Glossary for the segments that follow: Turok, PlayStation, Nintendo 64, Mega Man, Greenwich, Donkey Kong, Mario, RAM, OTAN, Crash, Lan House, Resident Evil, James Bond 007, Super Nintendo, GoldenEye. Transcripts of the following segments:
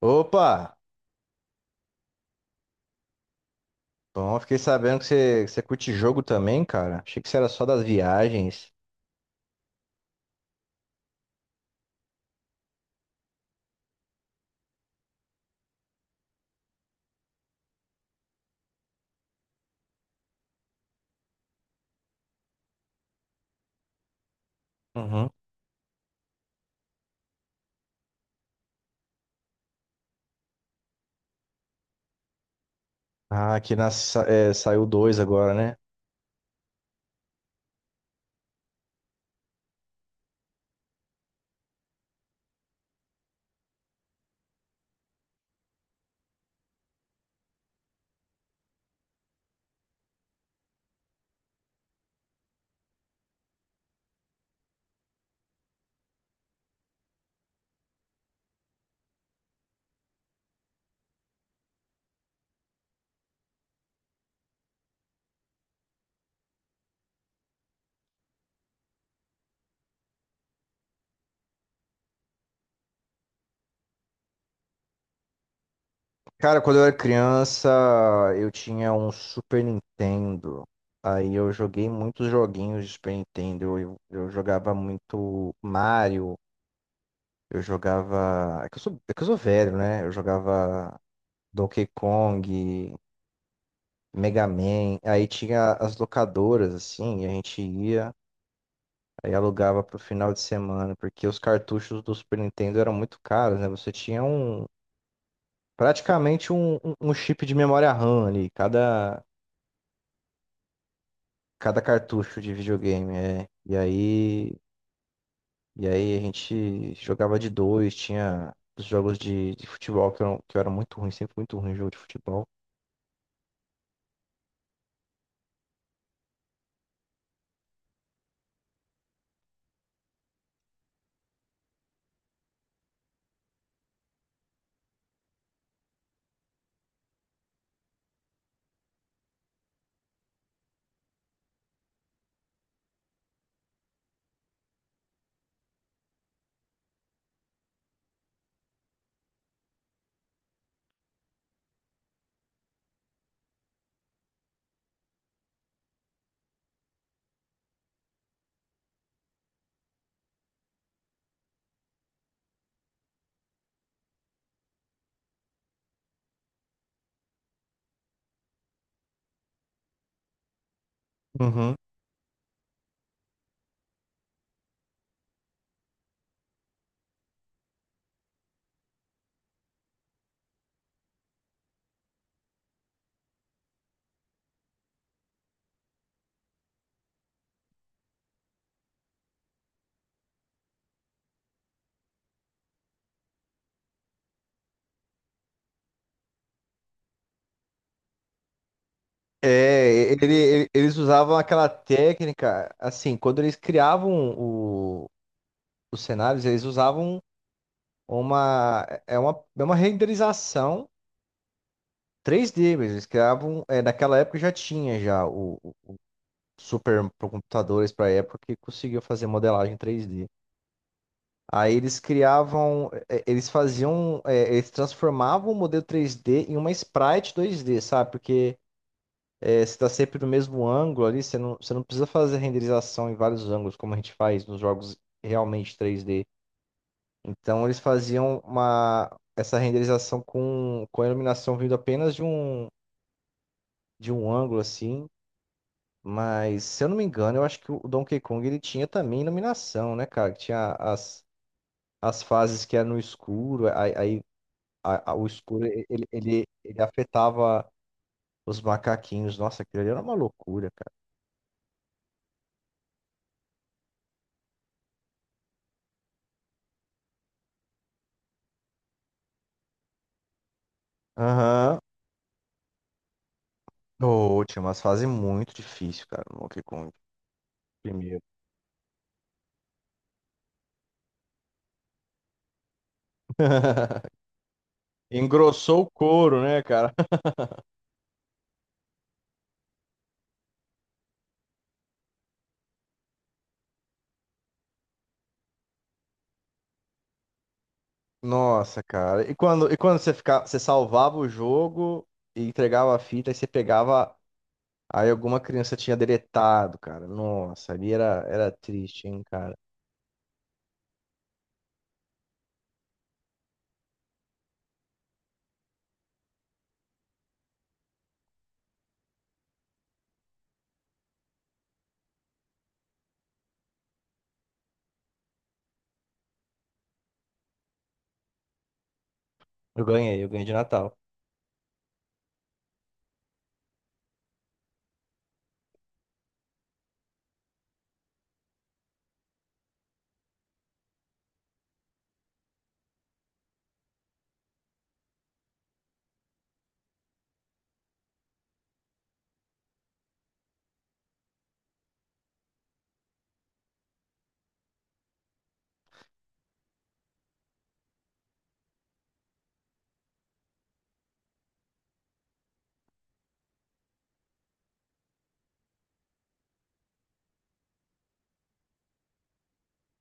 Opa! Bom, fiquei sabendo que você curte jogo também, cara. Achei que você era só das viagens. Uhum. Ah, aqui na, sa- é, saiu dois agora, né? Cara, quando eu era criança, eu tinha um Super Nintendo. Aí eu joguei muitos joguinhos de Super Nintendo. Eu jogava muito Mario. Eu jogava. É que eu sou velho, né? Eu jogava Donkey Kong, Mega Man. Aí tinha as locadoras, assim, e a gente ia. Aí alugava pro final de semana, porque os cartuchos do Super Nintendo eram muito caros, né? Você tinha um praticamente um chip de memória RAM ali, cada cartucho de videogame, é. E aí a gente jogava de dois, tinha os jogos de futebol que eram, que eu era muito ruim, sempre muito ruim em jogo de futebol. Uhum. É, eles usavam aquela técnica, assim, quando eles criavam os cenários, eles usavam uma renderização três d mesmo. Eles criavam, é, naquela época já tinha já o super computadores para época que conseguiu fazer modelagem três d. Aí eles criavam, é, eles faziam, é, eles transformavam o modelo três d em uma sprite dois d, sabe? Porque é, você está sempre no mesmo ângulo ali, você não precisa fazer renderização em vários ângulos como a gente faz nos jogos realmente três d. Então eles faziam uma essa renderização com a iluminação vindo apenas de um ângulo assim, mas se eu não me engano, eu acho que o Donkey Kong ele tinha também iluminação, né, cara? Que tinha as, as fases que era no escuro, aí o escuro ele afetava os macaquinhos. Nossa, aquilo ali era uma loucura, cara. Aham. Ô, tinha umas fases muito difíceis, cara, no Donkey Kong. Primeiro. Engrossou o couro, né, cara? Nossa, cara. E quando você ficava, você salvava o jogo e entregava a fita, e você pegava, aí alguma criança tinha deletado, cara. Nossa, ali era, era triste, hein, cara. Eu ganhei de Natal.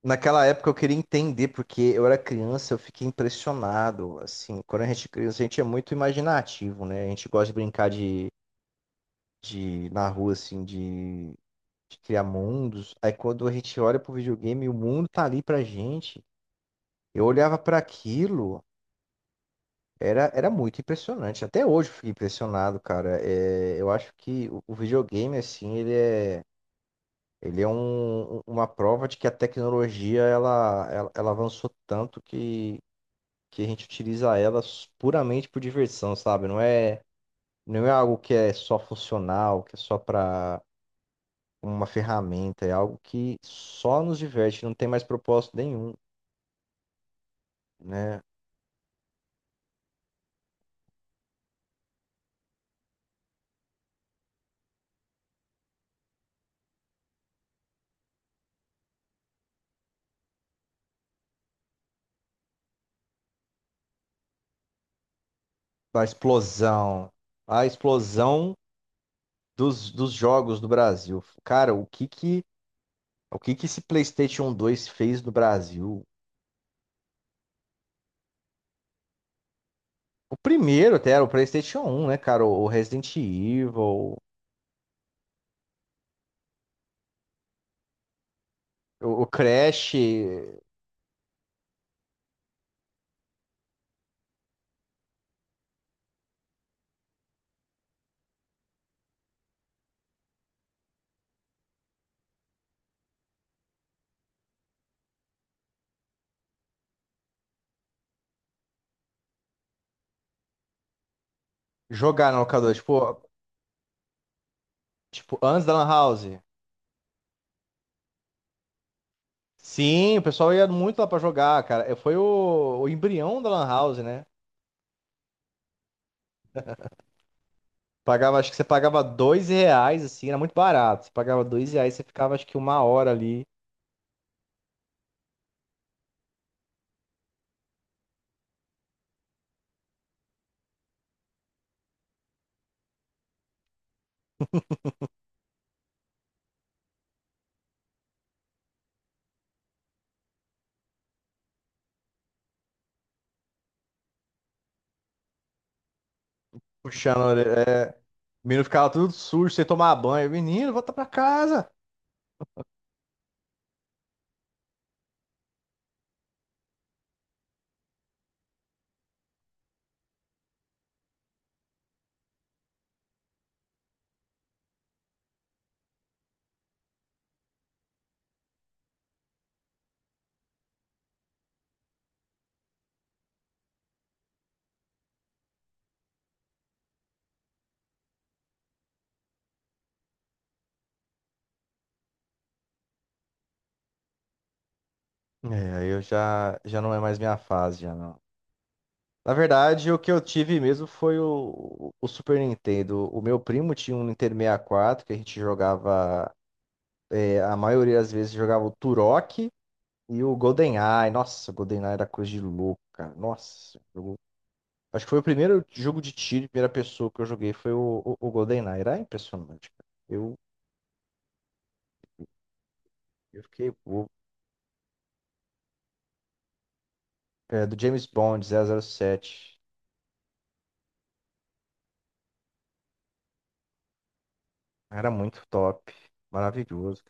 Naquela época eu queria entender, porque eu era criança, eu fiquei impressionado. Assim, quando a gente é criança, a gente é muito imaginativo, né? A gente gosta de brincar de na rua, assim, de criar mundos. Aí quando a gente olha pro videogame, o mundo tá ali pra gente. Eu olhava pra aquilo. Era, era muito impressionante. Até hoje eu fiquei impressionado, cara. É, eu acho que o videogame, assim, ele é uma prova de que a tecnologia, ela avançou tanto que a gente utiliza ela puramente por diversão, sabe? Não é algo que é só funcional, que é só para uma ferramenta. É algo que só nos diverte, não tem mais propósito nenhum, né? A explosão. A explosão dos jogos do Brasil. Cara, o que que esse PlayStation dois fez no Brasil? O primeiro até era o PlayStation 1, né, cara? O Resident Evil, o Crash, jogar na locadora, tipo, tipo, antes da Lan House. Sim, o pessoal ia muito lá pra jogar, cara. É, foi o embrião da Lan House, né? Pagava, acho que você pagava dois reais, assim, era muito barato. Você pagava dois reais, você ficava, acho que uma hora ali, puxando é, o menino ficava tudo sujo, sem tomar banho. Menino, volta pra casa. É, aí eu já, já não é mais minha fase, já não. Na verdade, o que eu tive mesmo foi o Super Nintendo. O meu primo tinha um Nintendo 64 que a gente jogava, é, a maioria das vezes jogava o Turok e o GoldenEye. Nossa, o GoldenEye era coisa de louco, cara. Nossa, jogo- acho que foi o primeiro jogo de tiro em primeira pessoa que eu joguei foi o GoldenEye. Era impressionante, cara. Eu, eu fiquei bobo. É, do James Bond 007. Era muito top. Maravilhoso.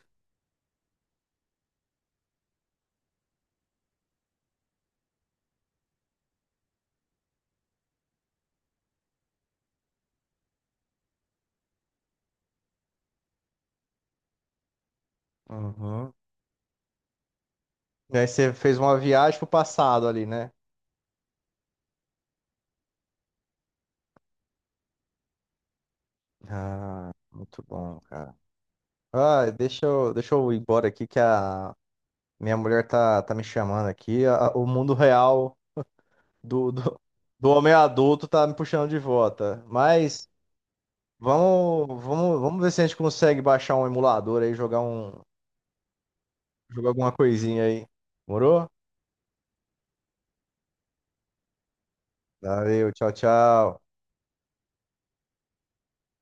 Uhum. E aí você fez uma viagem pro passado ali, né? Ah, muito bom, cara. Ah, deixa eu ir embora aqui que a minha mulher tá, tá me chamando aqui. A- o mundo real do, do, do homem adulto tá me puxando de volta. Mas vamos ver se a gente consegue baixar um emulador aí, jogar um, jogar alguma coisinha aí. Morou? Valeu, tchau, tchau.